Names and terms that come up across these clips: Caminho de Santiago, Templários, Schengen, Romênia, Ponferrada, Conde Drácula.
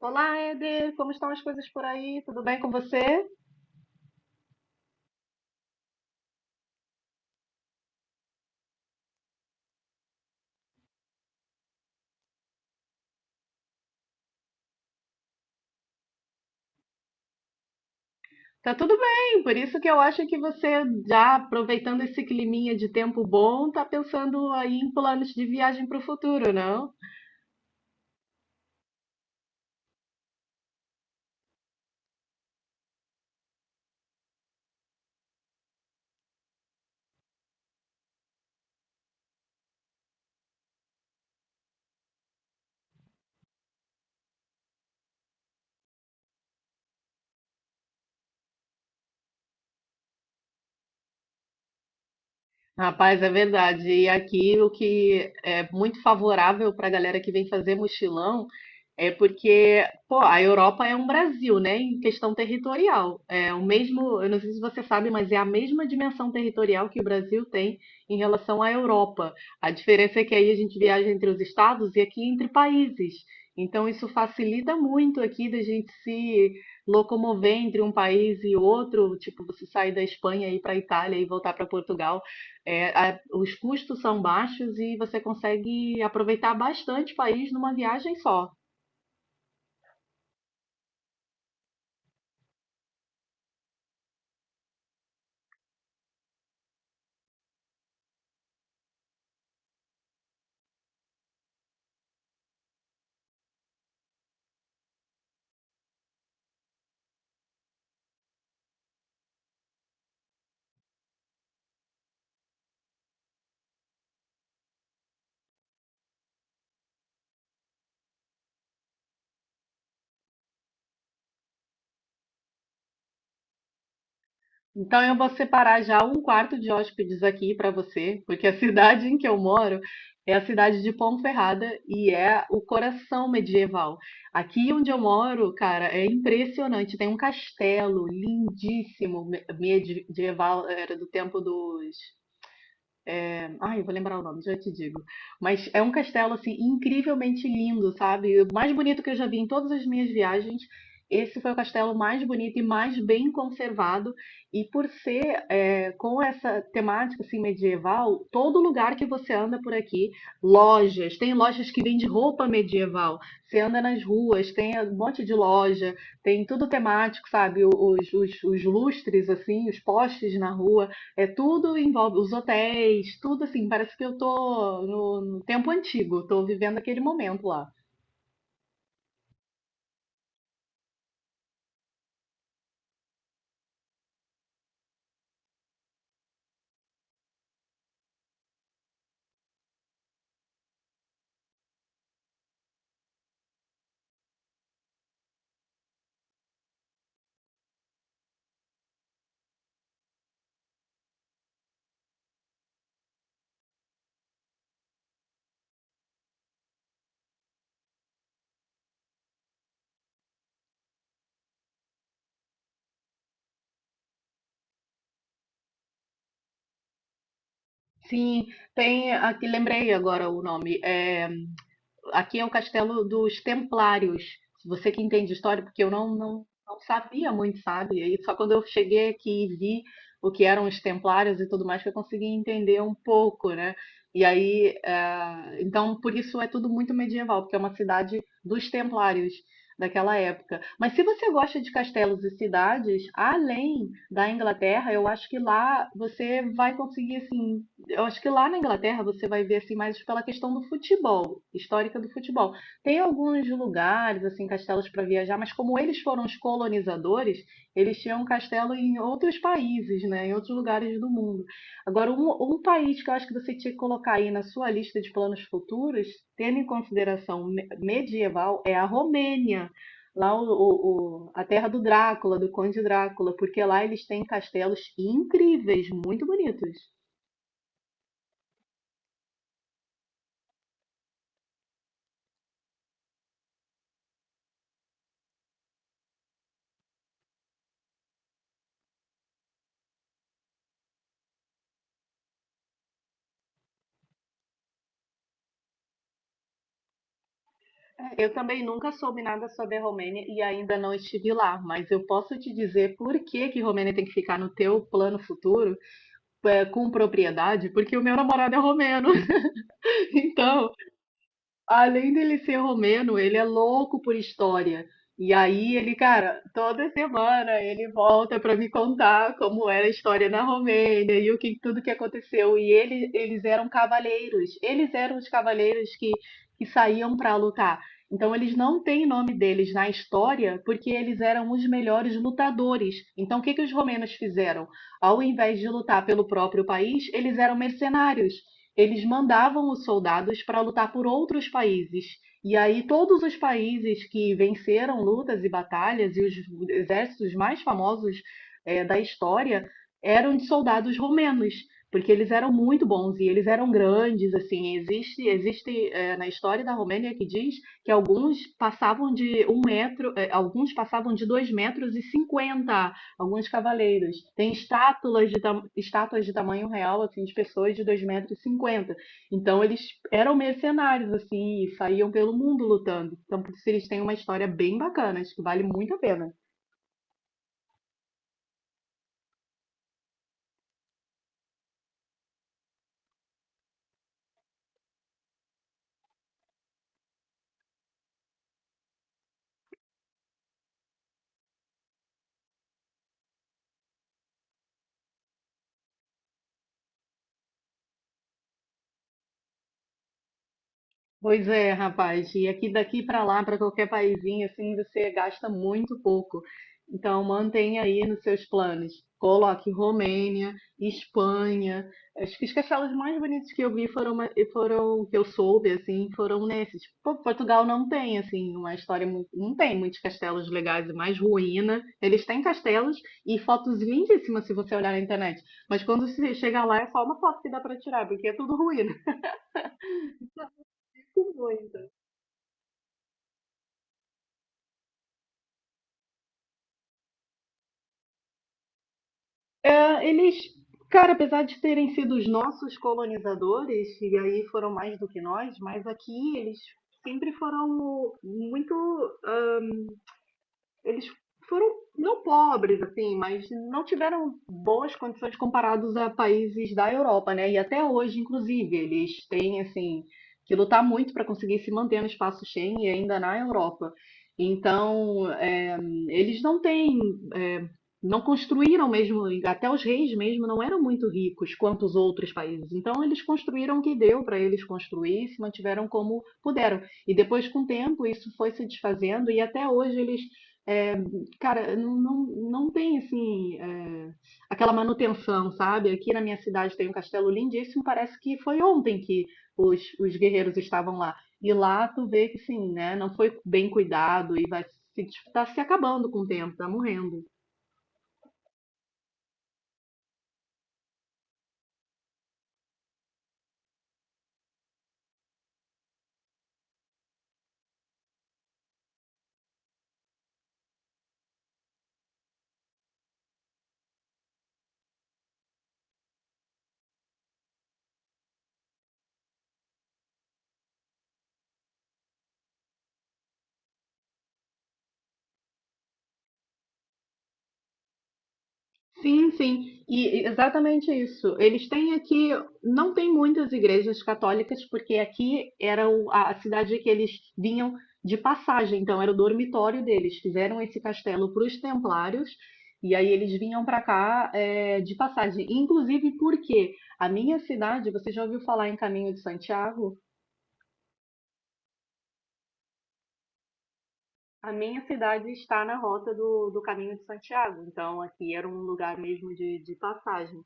Olá, Eder, como estão as coisas por aí? Tudo bem com você? Tá tudo bem, por isso que eu acho que você, já aproveitando esse climinha de tempo bom, tá pensando aí em planos de viagem para o futuro, não? Rapaz, é verdade. E aqui o que é muito favorável para a galera que vem fazer mochilão. É porque, pô, a Europa é um Brasil, né, em questão territorial. É o mesmo, eu não sei se você sabe, mas é a mesma dimensão territorial que o Brasil tem em relação à Europa. A diferença é que aí a gente viaja entre os estados e aqui entre países. Então isso facilita muito aqui da gente se locomover entre um país e outro, tipo, você sair da Espanha e ir para a Itália e voltar para Portugal. É, os custos são baixos e você consegue aproveitar bastante o país numa viagem só. Então eu vou separar já um quarto de hóspedes aqui para você, porque a cidade em que eu moro é a cidade de Ponferrada e é o coração medieval. Aqui onde eu moro, cara, é impressionante. Tem um castelo lindíssimo medieval, era do tempo dos... Ai, eu vou lembrar o nome, já te digo. Mas é um castelo, assim, incrivelmente lindo, sabe? O mais bonito que eu já vi em todas as minhas viagens. Esse foi o castelo mais bonito e mais bem conservado. E por ser com essa temática assim, medieval, todo lugar que você anda por aqui, lojas, tem lojas que vendem roupa medieval. Você anda nas ruas, tem um monte de loja, tem tudo temático, sabe? Os lustres, assim, os postes na rua. É tudo envolve os hotéis, tudo assim, parece que eu tô no tempo antigo, tô vivendo aquele momento lá. Sim, tem aqui, lembrei agora o nome, é... Aqui é o castelo dos Templários. Você que entende história, porque eu não sabia muito, sabe? E só quando eu cheguei aqui e vi o que eram os Templários e tudo mais, que eu consegui entender um pouco, né? E aí, então, por isso é tudo muito medieval, porque é uma cidade dos Templários daquela época. Mas se você gosta de castelos e cidades, além da Inglaterra, eu acho que lá você vai conseguir, assim, eu acho que lá na Inglaterra você vai ver assim mais pela questão do futebol, histórica do futebol. Tem alguns lugares assim, castelos para viajar, mas como eles foram os colonizadores, eles tinham um castelo em outros países, né, em outros lugares do mundo. Agora, um país que eu acho que você tinha que colocar aí na sua lista de planos futuros, tendo em consideração medieval, é a Romênia, lá a terra do Drácula, do Conde Drácula, porque lá eles têm castelos incríveis, muito bonitos. Eu também nunca soube nada sobre a Romênia e ainda não estive lá, mas eu posso te dizer por que que Romênia tem que ficar no teu plano futuro com propriedade, porque o meu namorado é romeno. Então... Além dele ser romeno, ele é louco por história. E aí ele, cara, toda semana ele volta para me contar como era a história na Romênia e o que tudo que aconteceu. E ele, eles eram cavaleiros. Eles eram os cavaleiros que saíam para lutar. Então eles não têm nome deles na história porque eles eram os melhores lutadores. Então o que que os romenos fizeram? Ao invés de lutar pelo próprio país, eles eram mercenários, eles mandavam os soldados para lutar por outros países. E aí todos os países que venceram lutas e batalhas e os exércitos mais famosos da história eram de soldados romenos, porque eles eram muito bons e eles eram grandes, assim, existe, na história da Romênia que diz que alguns passavam de um metro, alguns passavam de 2,50 metros, alguns cavaleiros. Tem estátuas de, estátuas de tamanho real, assim, de pessoas de 2 metros e 50. Então eles eram mercenários, assim, e saíam pelo mundo lutando. Então, por isso eles têm uma história bem bacana, acho que vale muito a pena. Pois é, rapaz, e aqui daqui para lá, para qualquer paizinho, assim, você gasta muito pouco. Então, mantenha aí nos seus planos. Coloque Romênia, Espanha. Acho que os castelos mais bonitos que eu vi foram, foram que eu soube, assim, foram nesses. Pô, Portugal não tem, assim, uma história muito, não tem muitos castelos legais, é mais ruína. Eles têm castelos e fotos lindíssimas se você olhar na internet. Mas quando você chega lá, é só uma foto que dá para tirar, porque é tudo ruína. Muito. É, eles, cara, apesar de terem sido os nossos colonizadores, e aí foram mais do que nós, mas aqui eles sempre foram muito... ah, eles foram não pobres assim, mas não tiveram boas condições comparados a países da Europa, né? E até hoje, inclusive, eles têm assim que lutar muito para conseguir se manter no espaço Schengen e ainda na Europa. Então, eles não têm, é, não construíram mesmo, até os reis mesmo não eram muito ricos quanto os outros países. Então, eles construíram o que deu para eles construir, se mantiveram como puderam. E depois, com o tempo, isso foi se desfazendo e até hoje eles é, cara, não tem assim aquela manutenção, sabe? Aqui na minha cidade tem um castelo lindíssimo, parece que foi ontem que os guerreiros estavam lá. E lá tu vê que sim, né? Não foi bem cuidado e vai se, tá se acabando com o tempo, tá morrendo. Sim, sim, e exatamente isso. Eles têm aqui, não tem muitas igrejas católicas, porque aqui era a cidade que eles vinham de passagem, então era o dormitório deles. Fizeram esse castelo para os templários, e aí eles vinham para cá de passagem. Inclusive porque a minha cidade, você já ouviu falar em Caminho de Santiago? A minha cidade está na rota do Caminho de Santiago, então aqui era um lugar mesmo de passagem.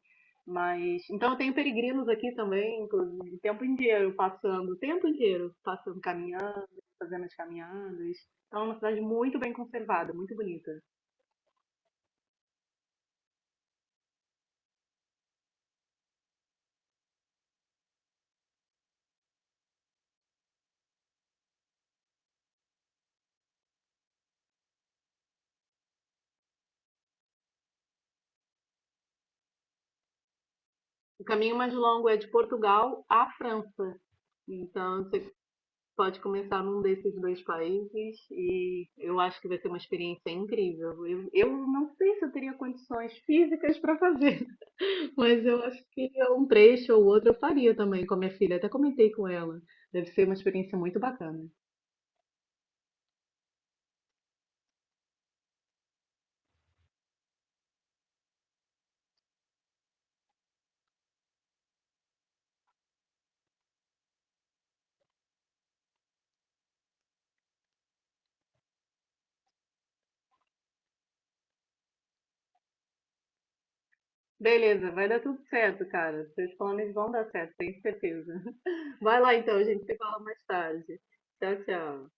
Mas então eu tenho peregrinos aqui também, inclusive, o tempo inteiro passando, o tempo inteiro passando, caminhando, fazendo as caminhadas. Então é uma cidade muito bem conservada, muito bonita. O caminho mais longo é de Portugal à França. Então você pode começar num desses dois países e eu acho que vai ser uma experiência incrível. Eu não sei se eu teria condições físicas para fazer. Mas eu acho que é um trecho ou outro eu faria também com a minha filha. Até comentei com ela. Deve ser uma experiência muito bacana. Beleza, vai dar tudo certo, cara. Seus planos vão dar certo, tenho certeza. Vai lá então, gente. Se fala mais tarde. Tchau, tchau.